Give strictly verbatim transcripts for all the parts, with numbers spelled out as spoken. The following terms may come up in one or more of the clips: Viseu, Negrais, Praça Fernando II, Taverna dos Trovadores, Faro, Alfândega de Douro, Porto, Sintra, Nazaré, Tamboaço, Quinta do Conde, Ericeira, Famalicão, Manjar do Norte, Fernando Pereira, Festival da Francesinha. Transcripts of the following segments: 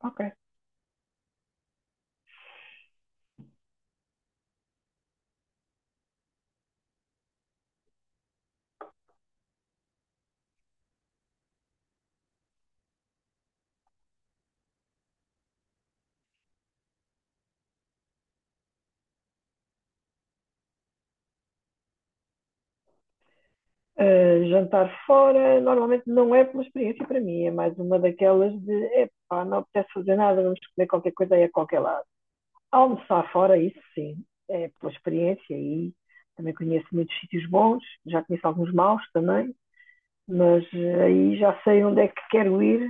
Ok. Ah, jantar fora normalmente não é uma experiência para mim, é mais uma daquelas de epá, não apetece fazer nada, vamos comer qualquer coisa aí a qualquer lado. Almoçar fora, isso sim, é pela experiência e também conheço muitos sítios bons, já conheço alguns maus também, mas eh, aí já sei onde é que quero ir,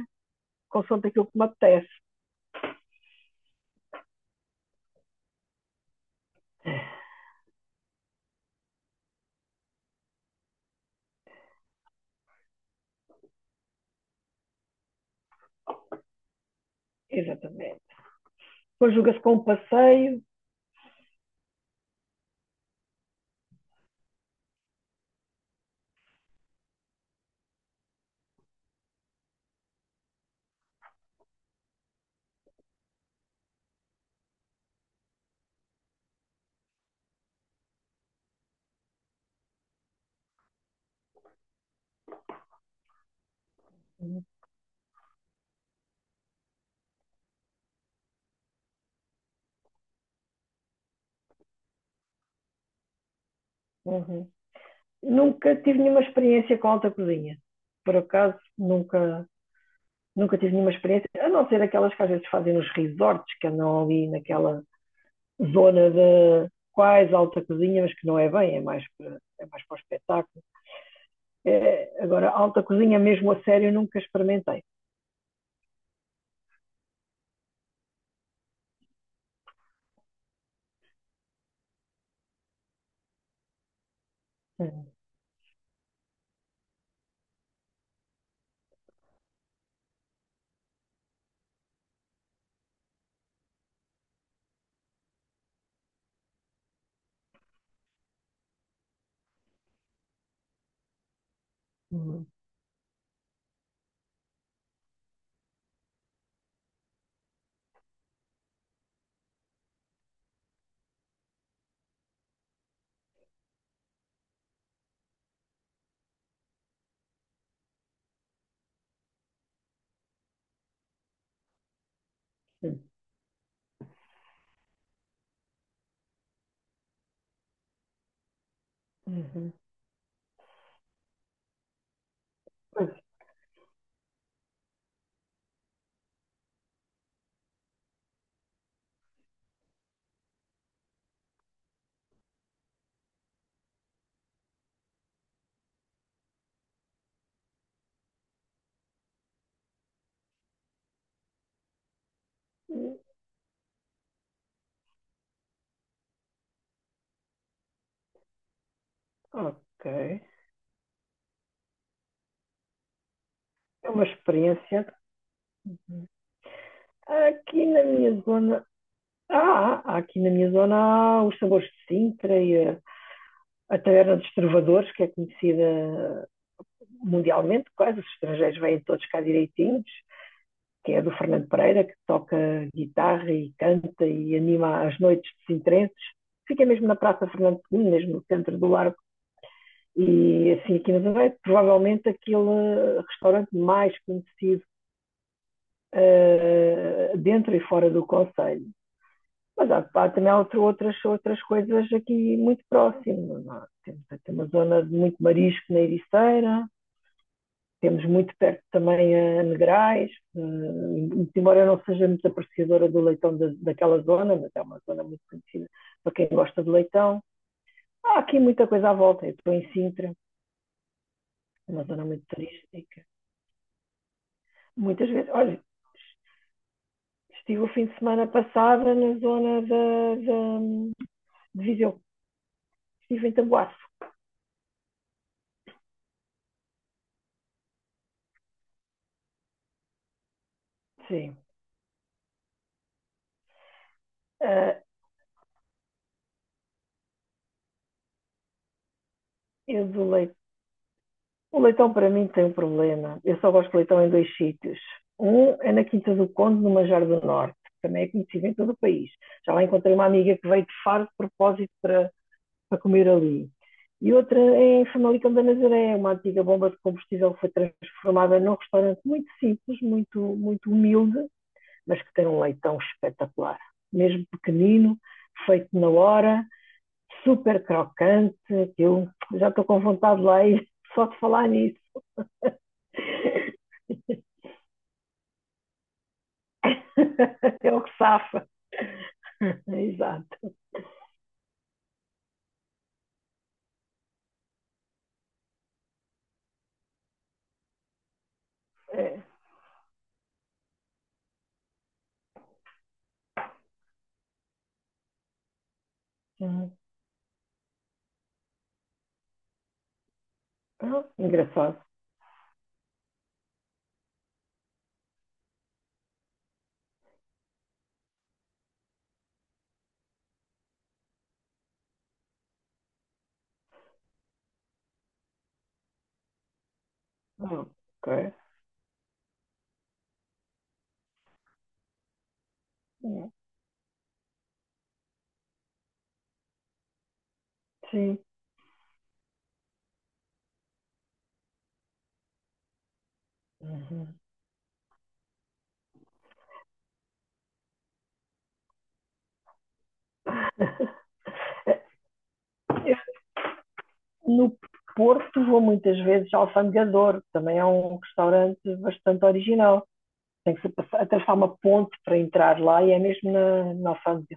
consoante aquilo que me apetece. Exatamente. Conjuga-se com um passeio. Uhum. Nunca tive nenhuma experiência com alta cozinha. Por acaso, nunca, nunca tive nenhuma experiência, a não ser aquelas que às vezes fazem nos resorts, que andam ali naquela zona de quase alta cozinha, mas que não é bem, é mais para, é mais para o espetáculo. É, agora, alta cozinha mesmo a sério nunca experimentei. Uhum. Uhum. Mas, ok. É uma experiência. Aqui na minha zona. Ah, aqui na minha zona há os sabores de Sintra e a, a Taverna dos Trovadores, que é conhecida mundialmente quase, os estrangeiros vêm todos cá direitinhos, que é do Fernando Pereira, que toca guitarra e canta e anima as noites de Sintrenses. Fica mesmo na Praça Fernando segundo, mesmo no centro do Largo. E assim, aqui na Zona provavelmente aquele restaurante mais conhecido uh, dentro e fora do Conselho. Mas há, há também outro, outras, outras coisas aqui muito próximas. Temos, temos uma zona de muito marisco na Ericeira. Temos muito perto também a Negrais, uh, embora eu não seja muito apreciadora do leitão da, daquela zona, mas é uma zona muito conhecida para quem gosta de leitão. Há aqui muita coisa à volta. Eu estou em Sintra, é uma zona muito turística. Muitas vezes, olha, estive o fim de semana passada na zona da, da, de Viseu, estive em Tamboaço. Sim. Uh, eu do leite O leitão para mim tem um problema. Eu só gosto de leitão em dois sítios. Um é na Quinta do Conde, no Manjar do Norte, que também é conhecido em todo o país. Já lá encontrei uma amiga que veio de Faro de propósito para, para comer ali. E outra é em Famalicão da Nazaré, uma antiga bomba de combustível que foi transformada num restaurante muito simples, muito, muito humilde, mas que tem um leitão espetacular. Mesmo pequenino, feito na hora, super crocante. Eu já estou com vontade lá e só de falar nisso. É o que safa. Exato. É. Uhum. Ah, engraçado. Ah, ok. Uhum. Sim. Uhum. No Porto vou muitas vezes ao Alfandegador, também é um restaurante bastante original. Tem que se passar, atravessar uma ponte para entrar lá e é mesmo na, na alfândega.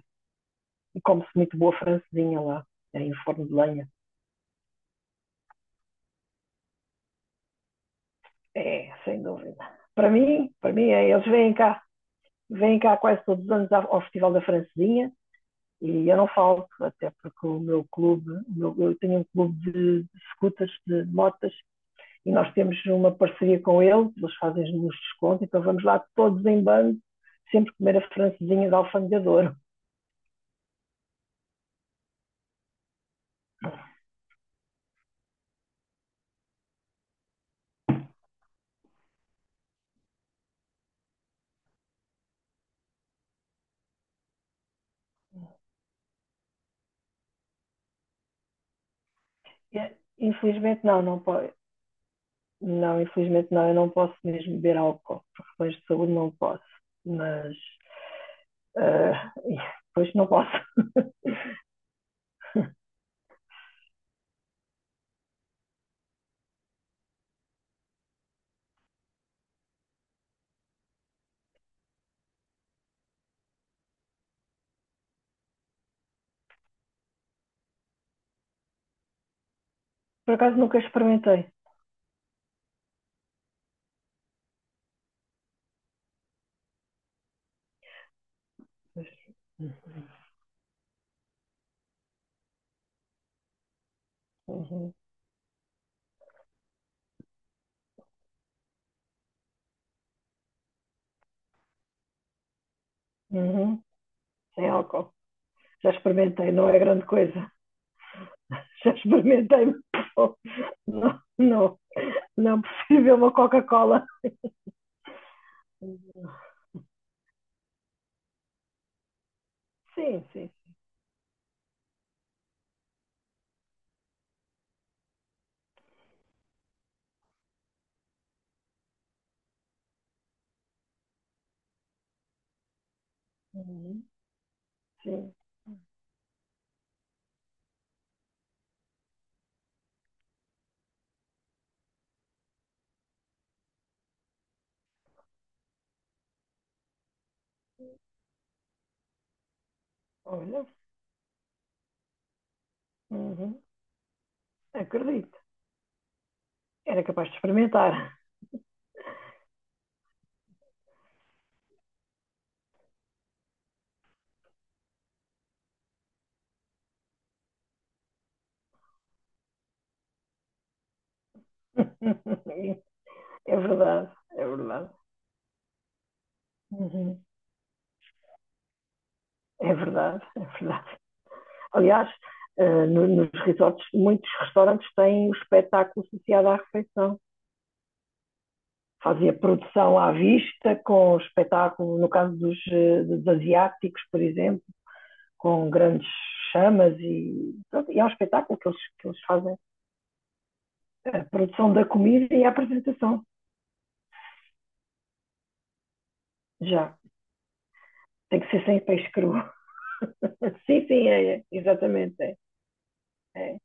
E come-se muito boa francesinha lá, é em forno de lenha. É, sem dúvida. Para mim, para mim é, eles vêm cá vêm cá quase todos os anos ao Festival da Francesinha e eu não falto, até porque o meu clube, o meu, eu tenho um clube de, de scooters, de motas, e nós temos uma parceria com eles, eles fazem-nos desconto, então vamos lá todos em bando, sempre comer a francesinha de Alfândega de Douro. Infelizmente não, não pode. Não, infelizmente não, eu não posso mesmo beber álcool, por questões de saúde não posso, mas uh, pois não posso. Por acaso nunca experimentei. Uhum. Uhum. Uhum, sem álcool. Já experimentei, não é grande coisa. Já experimentei, mas não, não, não, não prefiro ver uma Coca-Cola. Sim, sim. Uhum. Sim, olha, uhum, acredito. Era capaz de experimentar. É verdade, é verdade. Uhum. É verdade, é verdade. Aliás, eh, no- nos resorts, muitos restaurantes têm o espetáculo associado à refeição. Fazia produção à vista, com espetáculo, no caso dos, eh, dos asiáticos, por exemplo, com grandes chamas, e, e é um espetáculo que eles, que eles fazem a produção da comida e a apresentação. Já. Tem que ser sem peixe cru. Sim, sim, é é exatamente, é, é,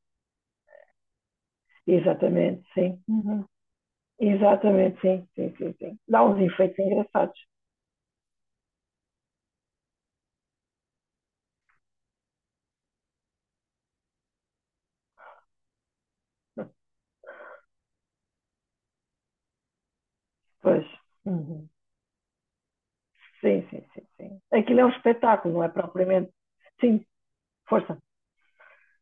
exatamente, sim. Uhum. Exatamente, sim, sim, sim, sim, dá uns efeitos engraçados. Pois. Uhum. Sim, sim, sim, sim, aquilo é um espetáculo, não é propriamente. Sim, força.